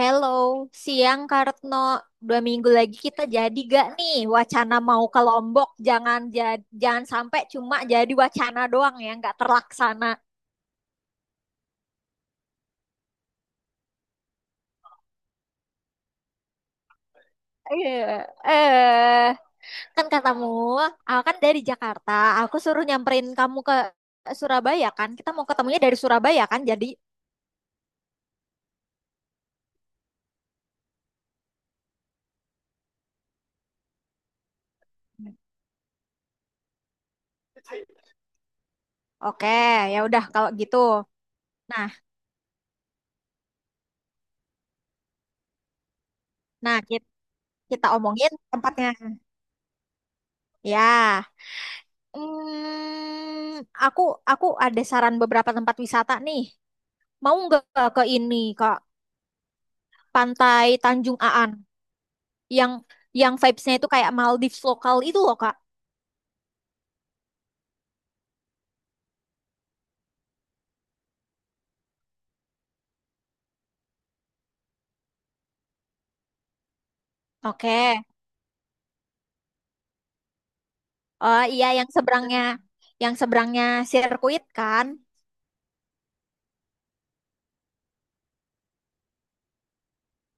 Hello, siang Kartno. Dua minggu lagi kita jadi gak nih wacana mau ke Lombok? Jangan ja- jangan sampai cuma jadi wacana doang, ya, nggak terlaksana. Iya, eh kan katamu, aku kan dari Jakarta. Aku suruh nyamperin kamu ke Surabaya kan. Kita mau ketemunya dari Surabaya kan. Jadi oke, ya udah kalau gitu. Nah, nah, kita omongin tempatnya. Ya. Hmm, aku aku ada saran beberapa tempat wisata nih. Mau nggak ke ini, Kak? Pantai Tanjung Aan yang yang vibes-nya itu kayak Maldives lokal itu loh, Kak. Oke. Oh iya, yang seberangnya sirkuit kan.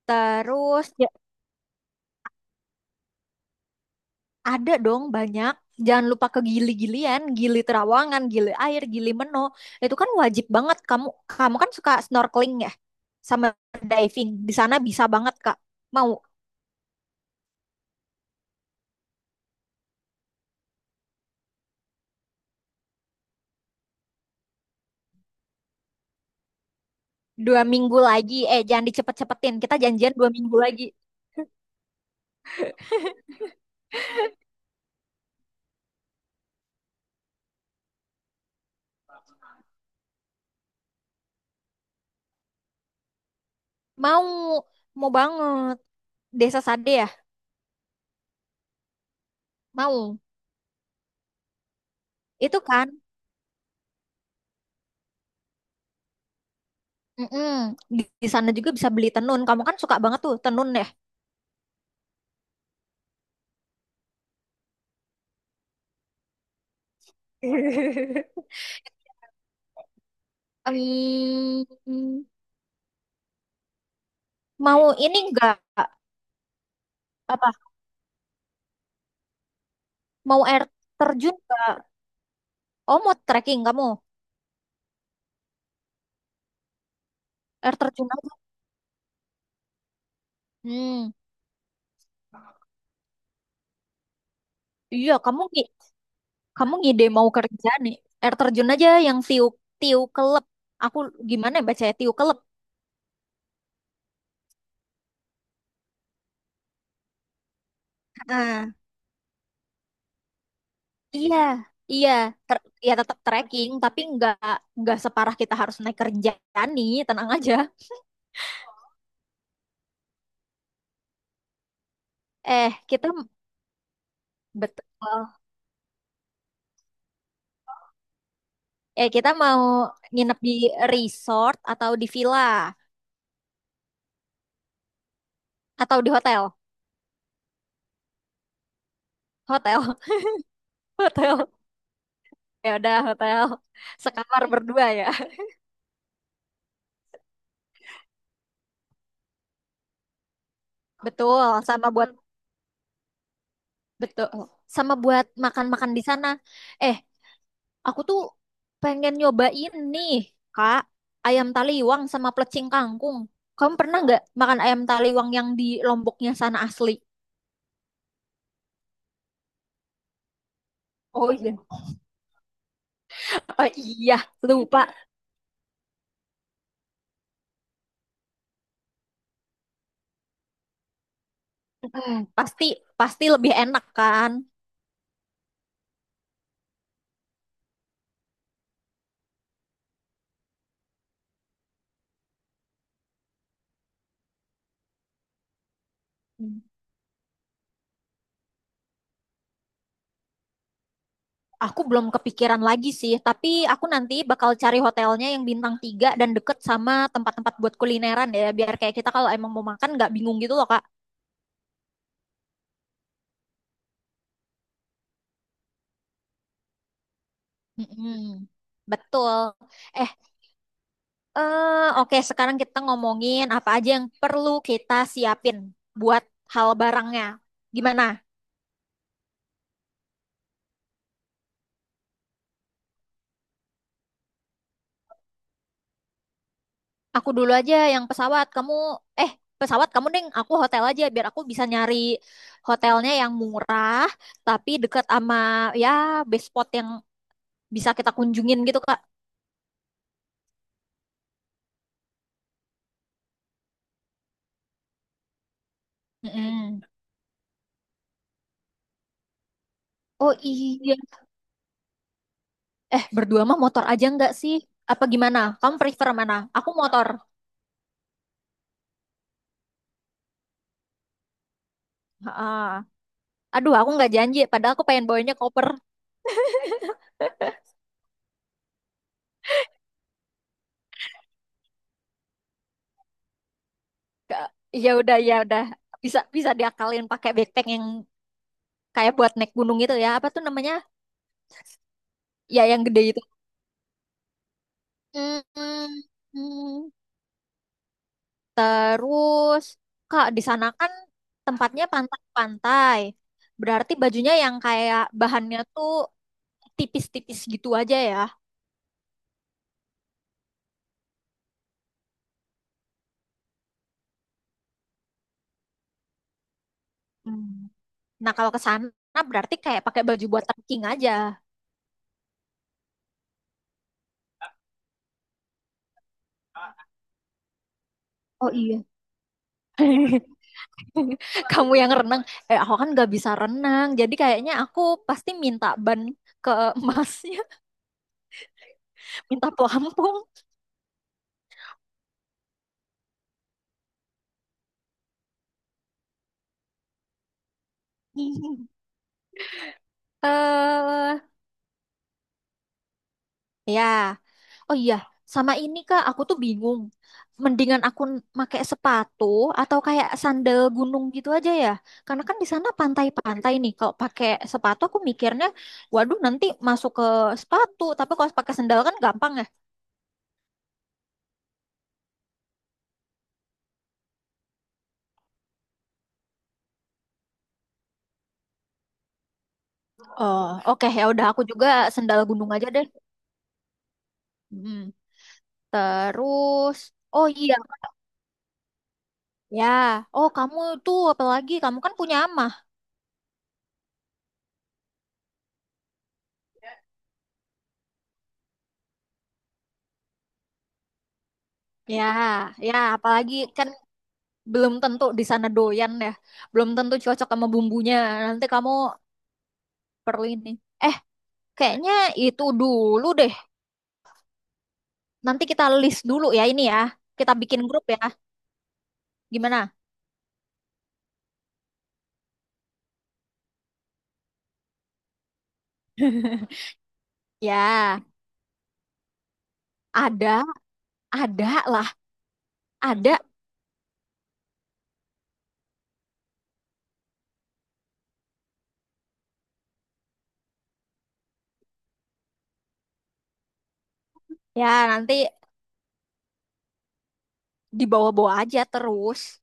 Terus ya, ada dong, banyak. Jangan lupa ke Gili-Gilian, Gili Terawangan, Gili Air, Gili Meno. Itu kan wajib banget, kamu kamu kan suka snorkeling ya, sama diving. Di sana bisa banget, Kak. Mau dua minggu lagi. Eh, jangan dicepet-cepetin. Kita janjian dua minggu lagi. Mau, mau banget. Desa Sade ya? Mau. Itu kan. Mm-mm. Di sana juga bisa beli tenun. Kamu kan suka banget tuh tenun ya. Em, mau ini enggak? Apa? Mau air terjun enggak? Oh, mau trekking kamu? Air terjun aja. Hmm. Iya, kamu kamu ngide mau kerja nih. Air terjun aja yang tiu tiu kelep. Aku gimana ya bacanya tiu kelep. Iya, iya, Ter- Ya tetap trekking, tapi nggak separah kita harus naik kerjaan nih, tenang aja. Eh, kita betul. Eh, kita mau nginep di resort atau di villa atau di hotel, hotel, hotel. Ya udah hotel, sekamar berdua ya. Betul, sama buat betul, sama buat makan-makan di sana. Eh, Aku tuh pengen nyobain nih, Kak, ayam taliwang sama plecing kangkung. Kamu pernah nggak makan ayam taliwang yang di Lomboknya sana asli? Oh iya. Oh iya, lupa. Eh, Pasti pasti lebih enak kan? Hmm. Aku belum kepikiran lagi sih, tapi aku nanti bakal cari hotelnya yang bintang tiga dan deket sama tempat-tempat buat kulineran ya, biar kayak kita kalau emang mau makan nggak bingung gitu loh, Kak. Mm-mm. Betul. Eh, oke, sekarang kita ngomongin apa aja yang perlu kita siapin buat hal barangnya. Gimana? Aku dulu aja yang pesawat. Kamu, eh, pesawat kamu deng. Aku hotel aja biar aku bisa nyari hotelnya yang murah tapi deket sama ya best spot yang bisa kita kunjungin gitu, Kak. Mm-mm. Oh iya. Eh, berdua mah motor aja nggak sih? Apa gimana? Kamu prefer mana? Aku motor. Ah, aduh, aku nggak janji. Padahal aku pengen bawanya koper. Ke- ya udah bisa bisa diakalin pakai backpack yang kayak buat naik gunung itu ya. Apa tuh namanya? Ya yang gede itu. Hmm, hmm. Terus, Kak, di sana kan tempatnya pantai-pantai. Berarti bajunya yang kayak bahannya tuh tipis-tipis gitu aja ya. Hmm. Nah, kalau ke sana berarti kayak pakai baju buat trekking aja. Oh iya. Kamu yang renang, eh aku kan gak bisa renang, jadi kayaknya aku pasti minta ban ke emasnya, minta pelampung. Eh, ya, oh iya, sama ini kak, aku tuh bingung. Mendingan aku make sepatu atau kayak sandal gunung gitu aja ya, karena kan di sana pantai-pantai nih. Kalau pakai sepatu, aku mikirnya, waduh nanti masuk ke sepatu. Tapi kalau pakai sandal kan gampang ya. Oh, oke ya udah aku juga sandal gunung aja deh. Mm. Terus, oh iya, ya. Oh, kamu tuh apalagi kamu kan punya amah. Ya, ya, apalagi kan belum tentu di sana doyan ya. Belum tentu cocok sama bumbunya. Nanti kamu perlu ini. Eh, kayaknya itu dulu deh. Nanti kita list dulu ya ini ya. Kita bikin grup ya. Gimana? Ya, ada, ada lah, ada. Ya, nanti dibawa-bawa aja terus.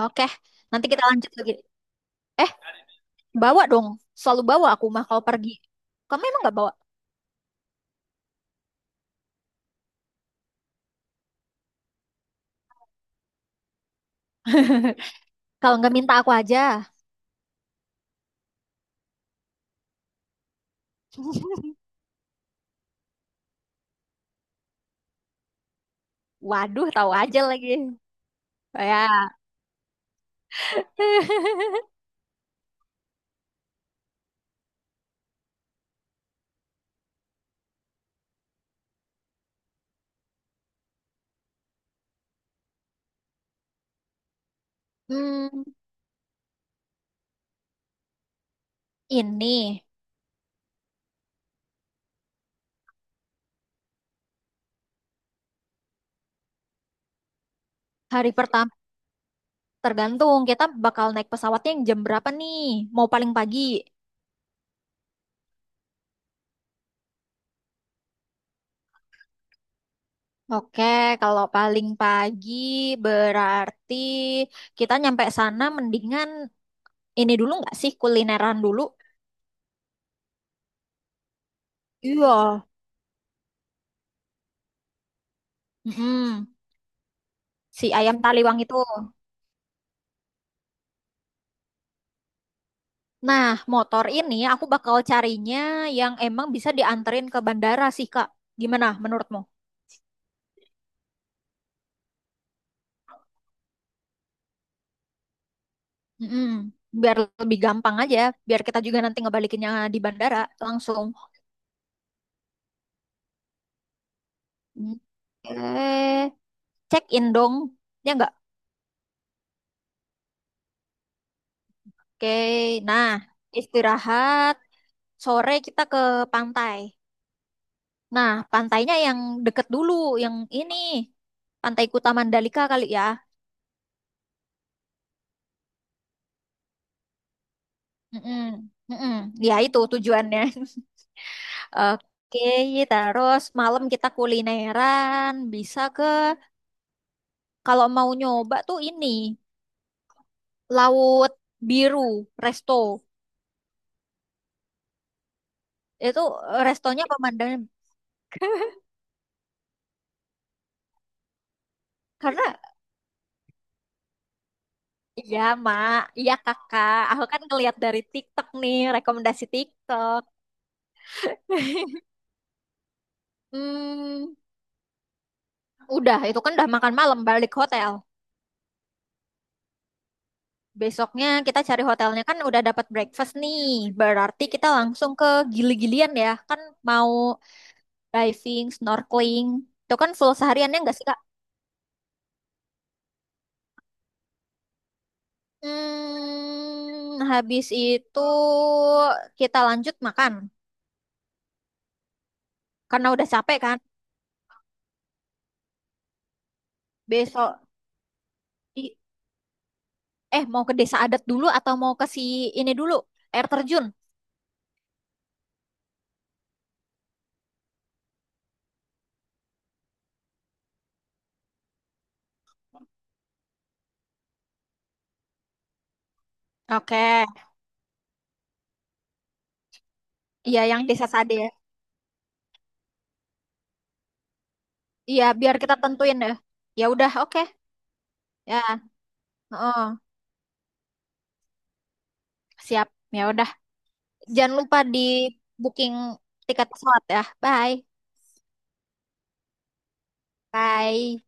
Oke, nanti kita lanjut lagi. Eh, bawa dong, selalu bawa aku mah kalau pergi. Kamu emang nggak bawa? Kalau nggak minta aku aja. Waduh, tahu aja lagi. Ya. Hmm, ini hari pertama tergantung kita bakal naik pesawatnya yang jam berapa nih? Mau paling pagi? Oke, kalau paling pagi berarti kita nyampe sana mendingan ini dulu nggak sih kulineran dulu? Iya. Mm-mm. Si ayam taliwang itu. Nah, motor ini aku bakal carinya yang emang bisa dianterin ke bandara sih, Kak. Gimana menurutmu? Mm-mm. Biar lebih gampang aja, biar kita juga nanti ngebalikinnya di bandara langsung. Mm. Eh, check in dong, ya nggak? Oke, nah istirahat, sore kita ke pantai. Nah, pantainya yang deket dulu, yang ini, Pantai Kuta Mandalika kali ya. Mm-mm. Mm-mm. Ya itu tujuannya. Oke, terus malam kita kulineran, bisa ke kalau mau nyoba tuh ini Laut Biru Resto. Itu eh, restonya pemandangan karena iya Mak, iya Kakak, aku kan ngeliat dari TikTok nih, rekomendasi TikTok. Hmm, udah itu kan udah makan malam balik hotel. Besoknya kita cari hotelnya kan udah dapat breakfast nih. Berarti kita langsung ke Gili-Gilian ya. Kan mau diving, snorkeling. Itu kan full sehariannya nggak sih, Kak? Hmm, habis itu kita lanjut makan. Karena udah capek kan. Besok, i- mau ke desa adat dulu atau mau ke si ini dulu, air terjun? Oke. Iya, yang desa Sade ya. Iya, biar kita tentuin ya. Ya udah, oke. Ya, oh, siap. Ya udah. Jangan lupa di booking tiket pesawat ya. Bye. Bye.